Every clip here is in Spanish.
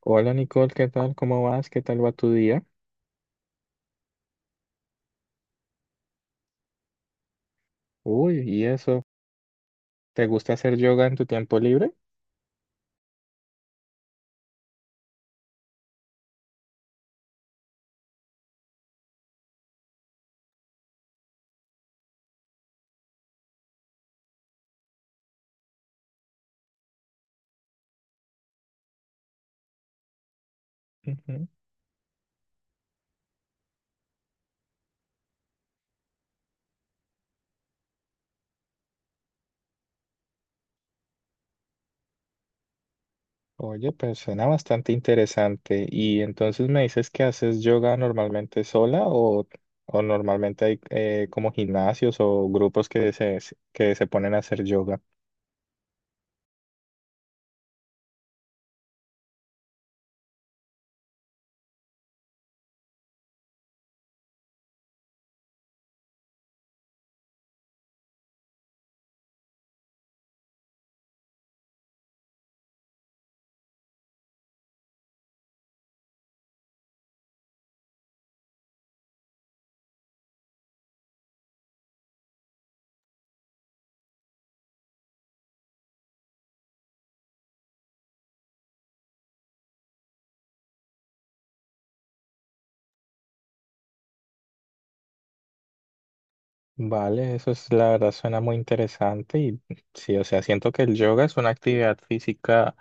Hola Nicole, ¿qué tal? ¿Cómo vas? ¿Qué tal va tu día? Uy, ¿y eso? ¿Te gusta hacer yoga en tu tiempo libre? Ujú. Oye, pues suena bastante interesante. ¿Y entonces me dices que haces yoga normalmente sola o normalmente hay como gimnasios o grupos que se ponen a hacer yoga? Vale, eso es la verdad suena muy interesante y sí, o sea, siento que el yoga es una actividad física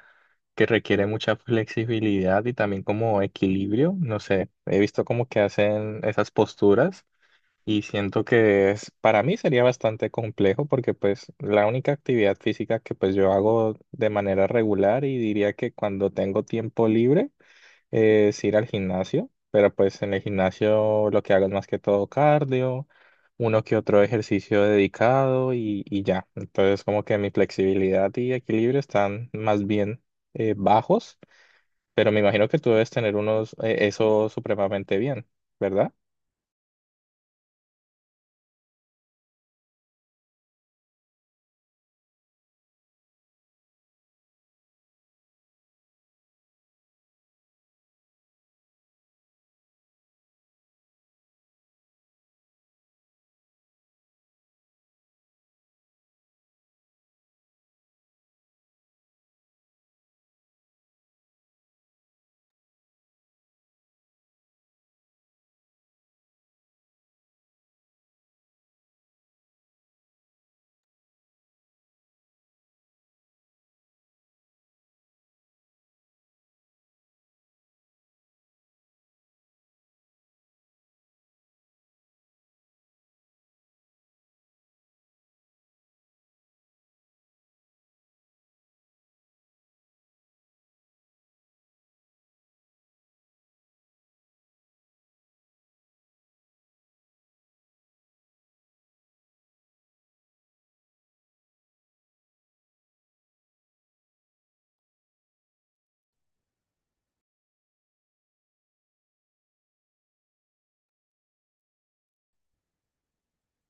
que requiere mucha flexibilidad y también como equilibrio. No sé, he visto como que hacen esas posturas y siento que es, para mí sería bastante complejo porque pues la única actividad física que pues yo hago de manera regular y diría que cuando tengo tiempo libre es ir al gimnasio, pero pues en el gimnasio lo que hago es más que todo cardio, uno que otro ejercicio dedicado y ya. Entonces como que mi flexibilidad y equilibrio están más bien bajos, pero me imagino que tú debes tener unos, eso supremamente bien, ¿verdad?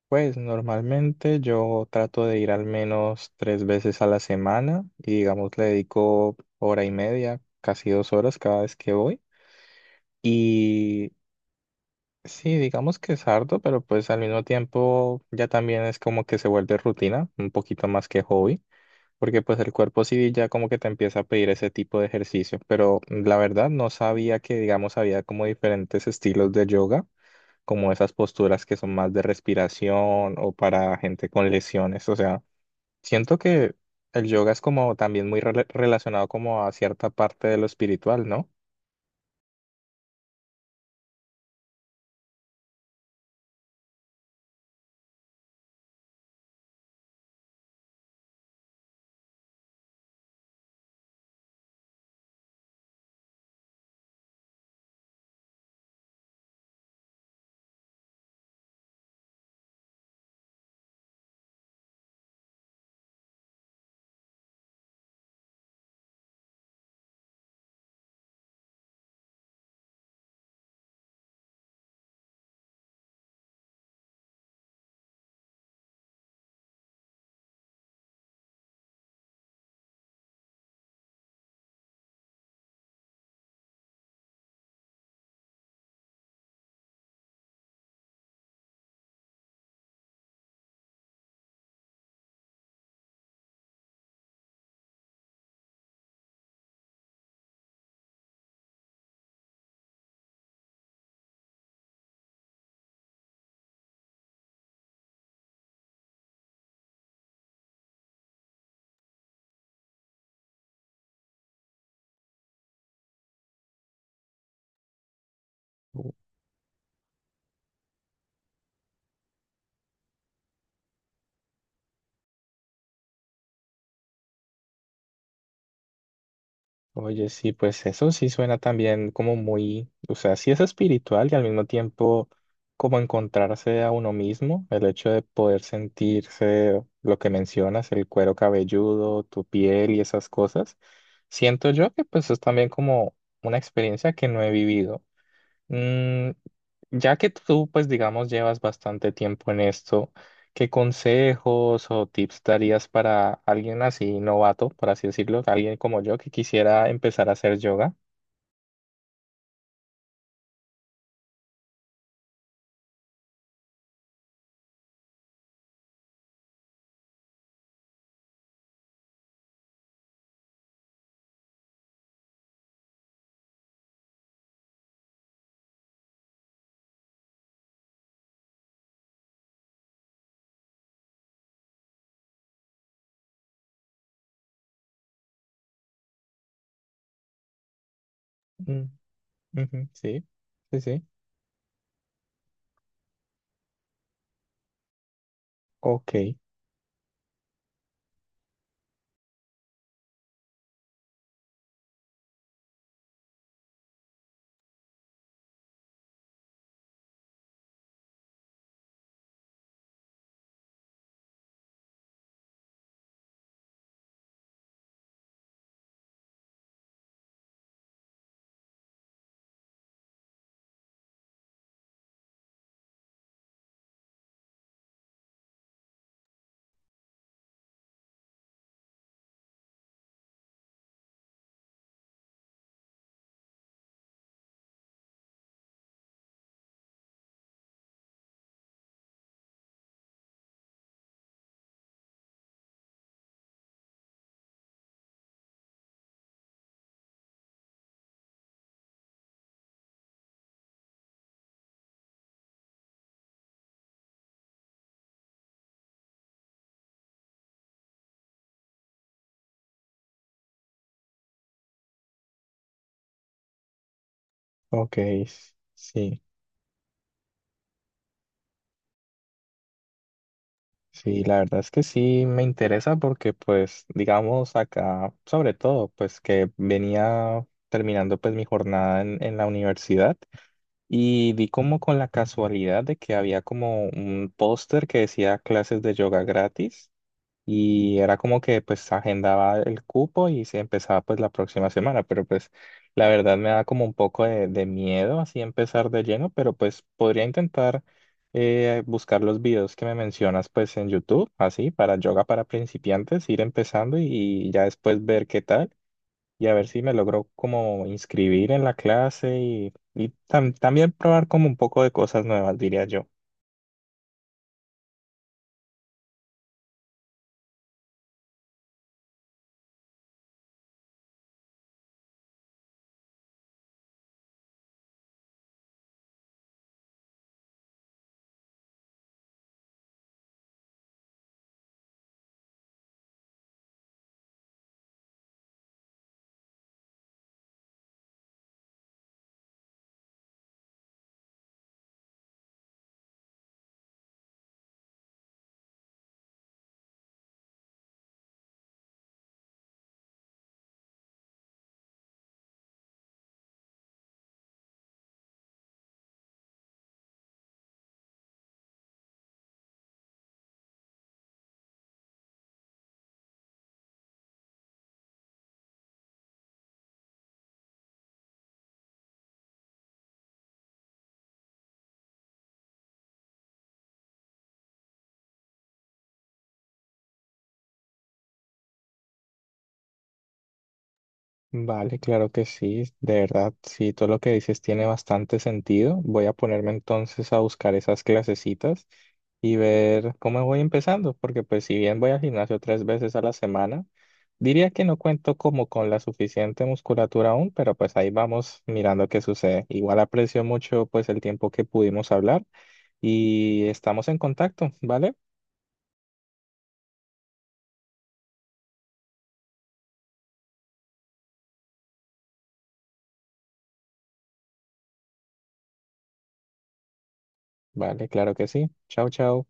Pues normalmente yo trato de ir al menos tres veces a la semana y digamos le dedico hora y media, casi 2 horas cada vez que voy. Y Sí, digamos que es harto, pero pues al mismo tiempo ya también es como que se vuelve rutina, un poquito más que hobby, porque pues el cuerpo sí ya como que te empieza a pedir ese tipo de ejercicio, pero la verdad no sabía que digamos había como diferentes estilos de yoga, como esas posturas que son más de respiración o para gente con lesiones, o sea, siento que el yoga es como también muy relacionado como a cierta parte de lo espiritual, ¿no? Oye, sí, pues eso sí suena también como muy, o sea, sí es espiritual y al mismo tiempo como encontrarse a uno mismo, el hecho de poder sentirse lo que mencionas, el cuero cabelludo, tu piel y esas cosas. Siento yo que pues es también como una experiencia que no he vivido. Mm, ya que tú, pues digamos, llevas bastante tiempo en esto, ¿qué consejos o tips darías para alguien así novato, por así decirlo, alguien como yo que quisiera empezar a hacer yoga? Mm, ujú, sí, sí, sí. Ok, ok, sí, sí, la verdad es que sí me interesa porque pues digamos acá, sobre todo, pues que venía terminando pues mi jornada en la universidad. Y vi como con la casualidad de que había como un póster que decía clases de yoga gratis y era como que pues agendaba el cupo y se empezaba pues la próxima semana, pero pues la verdad me da como un poco de miedo así empezar de lleno, pero pues podría intentar buscar los videos que me mencionas pues en YouTube, así para yoga para principiantes, ir empezando y ya después ver qué tal y a ver si me logro como inscribir en la clase y, también probar como un poco de cosas nuevas, diría yo. Vale, claro que sí, de verdad, sí, todo lo que dices tiene bastante sentido. Voy a ponerme entonces a buscar esas clasecitas y ver cómo voy empezando, porque pues si bien voy al gimnasio tres veces a la semana, diría que no cuento como con la suficiente musculatura aún, pero pues ahí vamos mirando qué sucede. Igual aprecio mucho pues el tiempo que pudimos hablar. Y estamos en contacto, ¿vale? Vale, claro que sí. Chao, chao.